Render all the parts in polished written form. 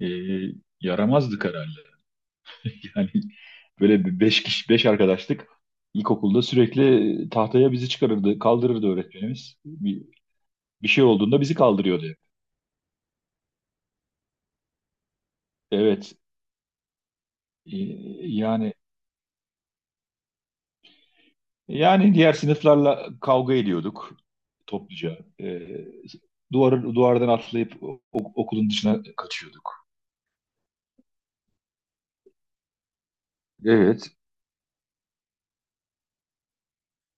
e, Yaramazdık herhalde. Yani böyle bir beş kişi, beş arkadaşlık ilkokulda sürekli tahtaya bizi çıkarırdı, kaldırırdı öğretmenimiz. Bir şey olduğunda bizi kaldırıyordu. Evet. E, yani yani diğer sınıflarla kavga ediyorduk topluca. Duvardan atlayıp okulun dışına kaçıyorduk. Evet,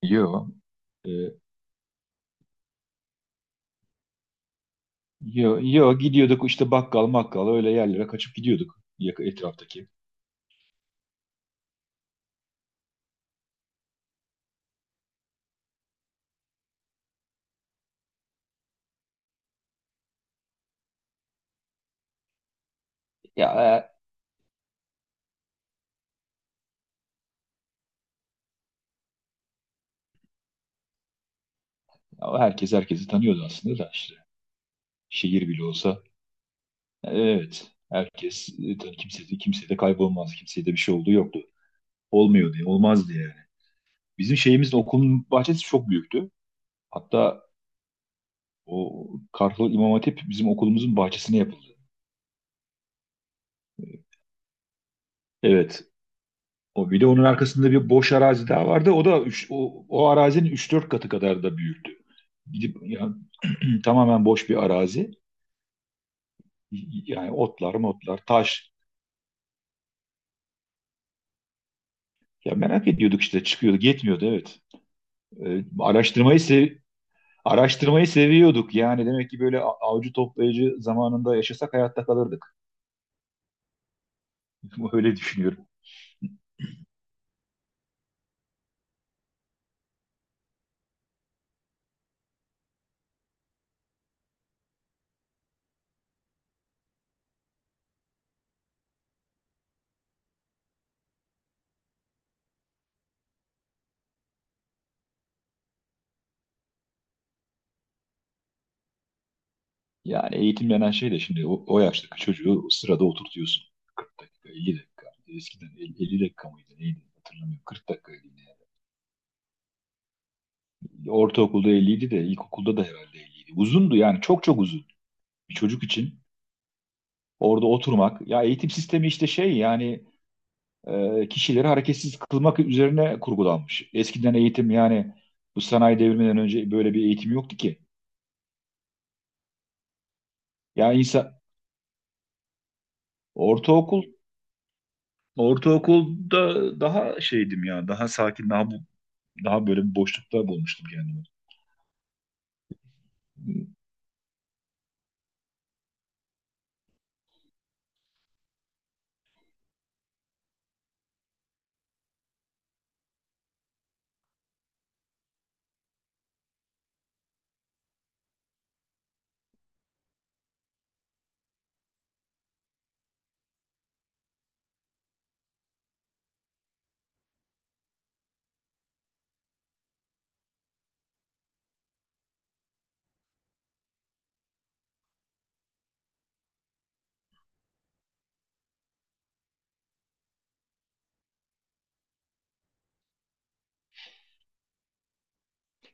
yo. E, Yo, gidiyorduk işte bakkal makkal öyle yerlere kaçıp gidiyorduk etraftaki. Ya, ama herkes herkesi tanıyordu aslında da işte. Şehir bile olsa. Evet. Herkes, kimse de kaybolmaz. Kimseye de bir şey olduğu yoktu. Olmuyordu. Olmazdı yani. Bizim şeyimiz de okulun bahçesi çok büyüktü. Hatta o Kartal İmam Hatip bizim okulumuzun bahçesine yapıldı. Evet. O bir de onun arkasında bir boş arazi daha vardı. O da o arazinin üç dört katı kadar da büyüktü. Gidip yani, tamamen boş bir arazi. Yani otlar, motlar, taş. Ya merak ediyorduk işte çıkıyordu, yetmiyordu, evet. E, araştırmayı sev Araştırmayı seviyorduk. Yani demek ki böyle avcı toplayıcı zamanında yaşasak hayatta kalırdık. Öyle düşünüyorum. Yani eğitim denen şey de şimdi o yaştaki çocuğu sırada oturtuyorsun. 40 dakika, 50 dakika. Eskiden 50 dakika mıydı neydi hatırlamıyorum. 40 dakikaydı yine. Ortaokulda 50 idi de ilkokulda da herhalde 50 idi. Uzundu yani çok çok uzun. Bir çocuk için orada oturmak. Ya, eğitim sistemi işte şey, yani kişileri hareketsiz kılmak üzerine kurgulanmış. Eskiden eğitim, yani bu sanayi devriminden önce böyle bir eğitim yoktu ki. Yani insan ortaokul, ortaokulda daha şeydim ya daha sakin, daha böyle bir boşlukta bulmuştum kendimi.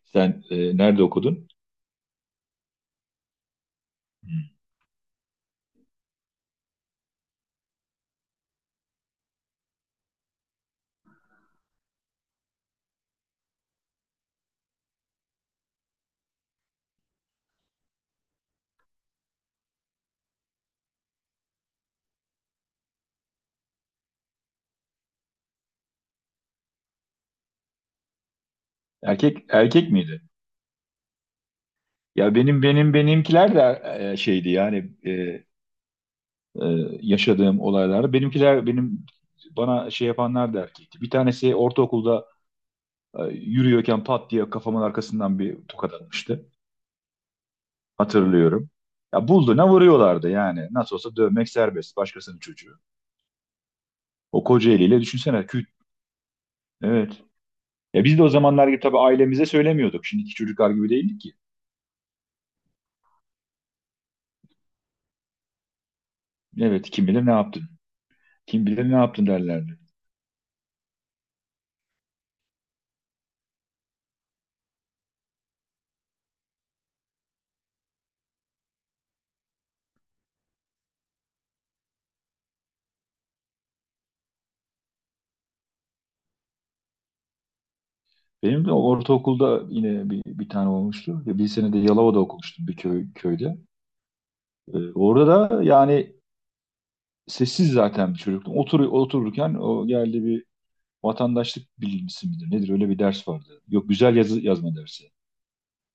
Sen nerede okudun? Hmm. Erkek miydi? Ya, benim benimkiler de e, şeydi yani e, e, yaşadığım olaylar. Benimkiler, benim bana şey yapanlar da erkekti. Bir tanesi ortaokulda, yürüyorken pat diye kafamın arkasından bir tokat atmıştı. Hatırlıyorum. Ya, bulduğuna vuruyorlardı yani. Nasıl olsa dövmek serbest. Başkasının çocuğu. O koca eliyle düşünsene. Küt. Evet. Ya, biz de o zamanlar gibi tabii ailemize söylemiyorduk. Şimdiki çocuklar gibi değildik ki. Evet, kim bilir ne yaptın. Kim bilir ne yaptın derlerdi. Benim de ortaokulda yine bir tane olmuştu. Ya, bir sene de Yalova'da okumuştum bir köyde. Orada da yani sessiz zaten bir çocuktum. Otururken o geldi bir, vatandaşlık bilgisi midir nedir öyle bir ders vardı. Yok, güzel yazı yazma dersi.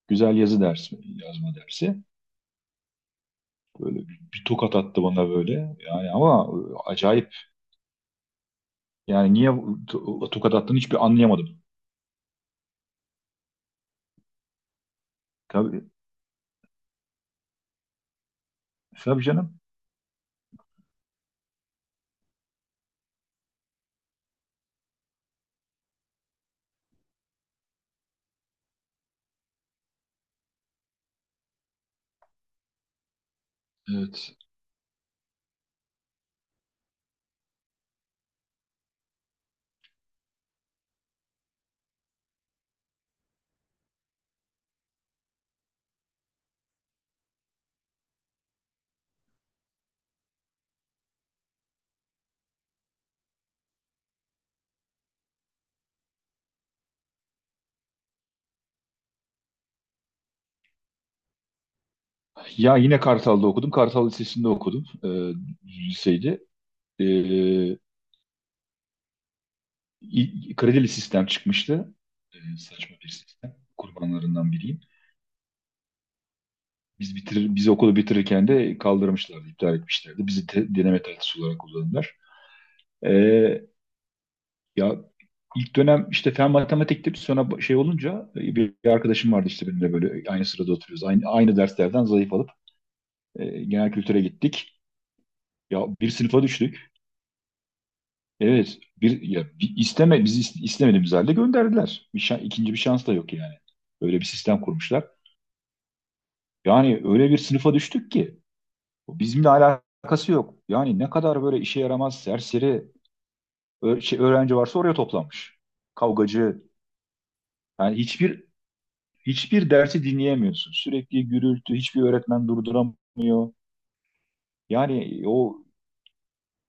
Güzel yazı dersi, yazma dersi. Böyle bir tokat attı bana böyle. Yani ama acayip. Yani niye tokat attığını hiçbir anlayamadım. Tabii, tabii canım. Evet. Ya, yine Kartal'da okudum. Kartal Lisesi'nde okudum. Liseydi. E, Kredili sistem çıkmıştı. E, saçma bir sistem. Kurbanlarından biriyim. Biz okulu bitirirken de kaldırmışlardı, iptal etmişlerdi. Bizi de deneme tatlısı olarak kullandılar. Ee, ya ilk dönem işte fen matematikti. Sonra şey olunca, bir arkadaşım vardı işte benimle böyle aynı sırada oturuyoruz. Aynı derslerden zayıf alıp genel kültüre gittik. Ya, bir sınıfa düştük. Evet, bir ya bir isteme bizi is- istemediğimiz halde gönderdiler. İkinci bir şans da yok yani. Öyle bir sistem kurmuşlar. Yani öyle bir sınıfa düştük ki bizimle alakalı alakası yok. Yani ne kadar böyle işe yaramaz, serseri, öğrenci varsa oraya toplanmış. Kavgacı. Yani hiçbir dersi dinleyemiyorsun. Sürekli gürültü, hiçbir öğretmen durduramıyor. Yani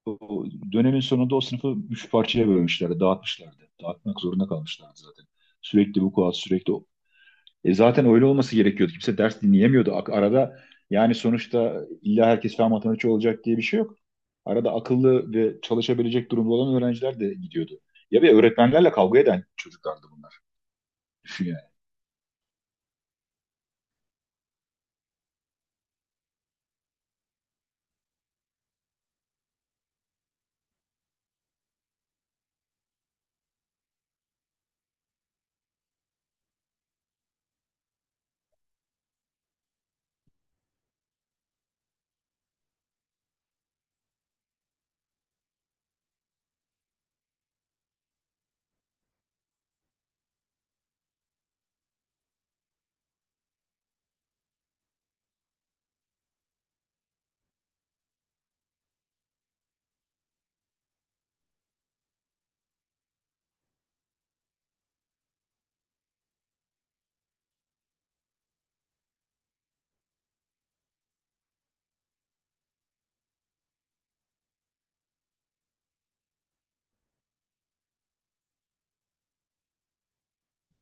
o dönemin sonunda o sınıfı üç parçaya bölmüşlerdi, dağıtmışlardı. Dağıtmak zorunda kalmışlardı zaten. Sürekli bu kuat, sürekli o. E, zaten öyle olması gerekiyordu. Kimse ders dinleyemiyordu. Arada, yani sonuçta illa herkes fen matematikçi olacak diye bir şey yok. Arada akıllı ve çalışabilecek durumda olan öğrenciler de gidiyordu. Ya, bir öğretmenlerle kavga eden çocuklardı bunlar. Düşün yani.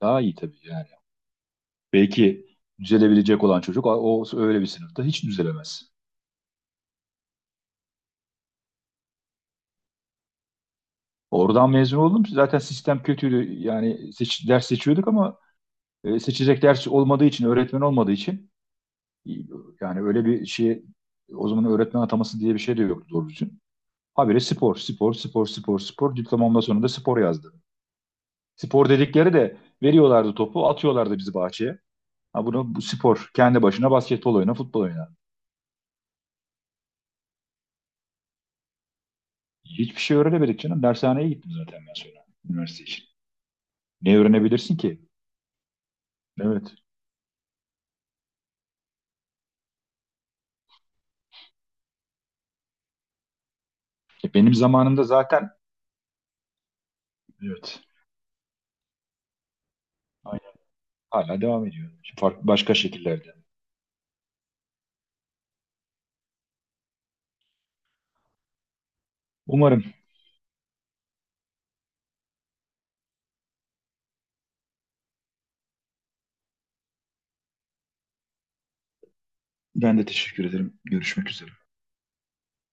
Daha iyi tabii yani. Belki düzelebilecek olan çocuk o öyle bir sınıfta hiç düzelemez. Oradan mezun oldum. Zaten sistem kötüydü. Yani ders seçiyorduk ama seçecek ders olmadığı için, öğretmen olmadığı için, e, yani öyle bir şey, o zaman öğretmen ataması diye bir şey de yoktu doğru düzgün. Habire spor, spor, spor, spor, spor. Diplomamda sonunda spor yazdı. Spor dedikleri de, veriyorlardı topu, atıyorlardı bizi bahçeye. Ha bunu, bu spor, kendi başına basketbol oyna, futbol oyna. Hiçbir şey öğrenemedik canım. Dershaneye gittim zaten ben sonra, üniversite için. Ne öğrenebilirsin ki? Evet. E, benim zamanımda zaten, evet. Aynen. Hala devam ediyor. Şimdi farklı başka şekillerde. Umarım. Ben de teşekkür ederim. Görüşmek üzere.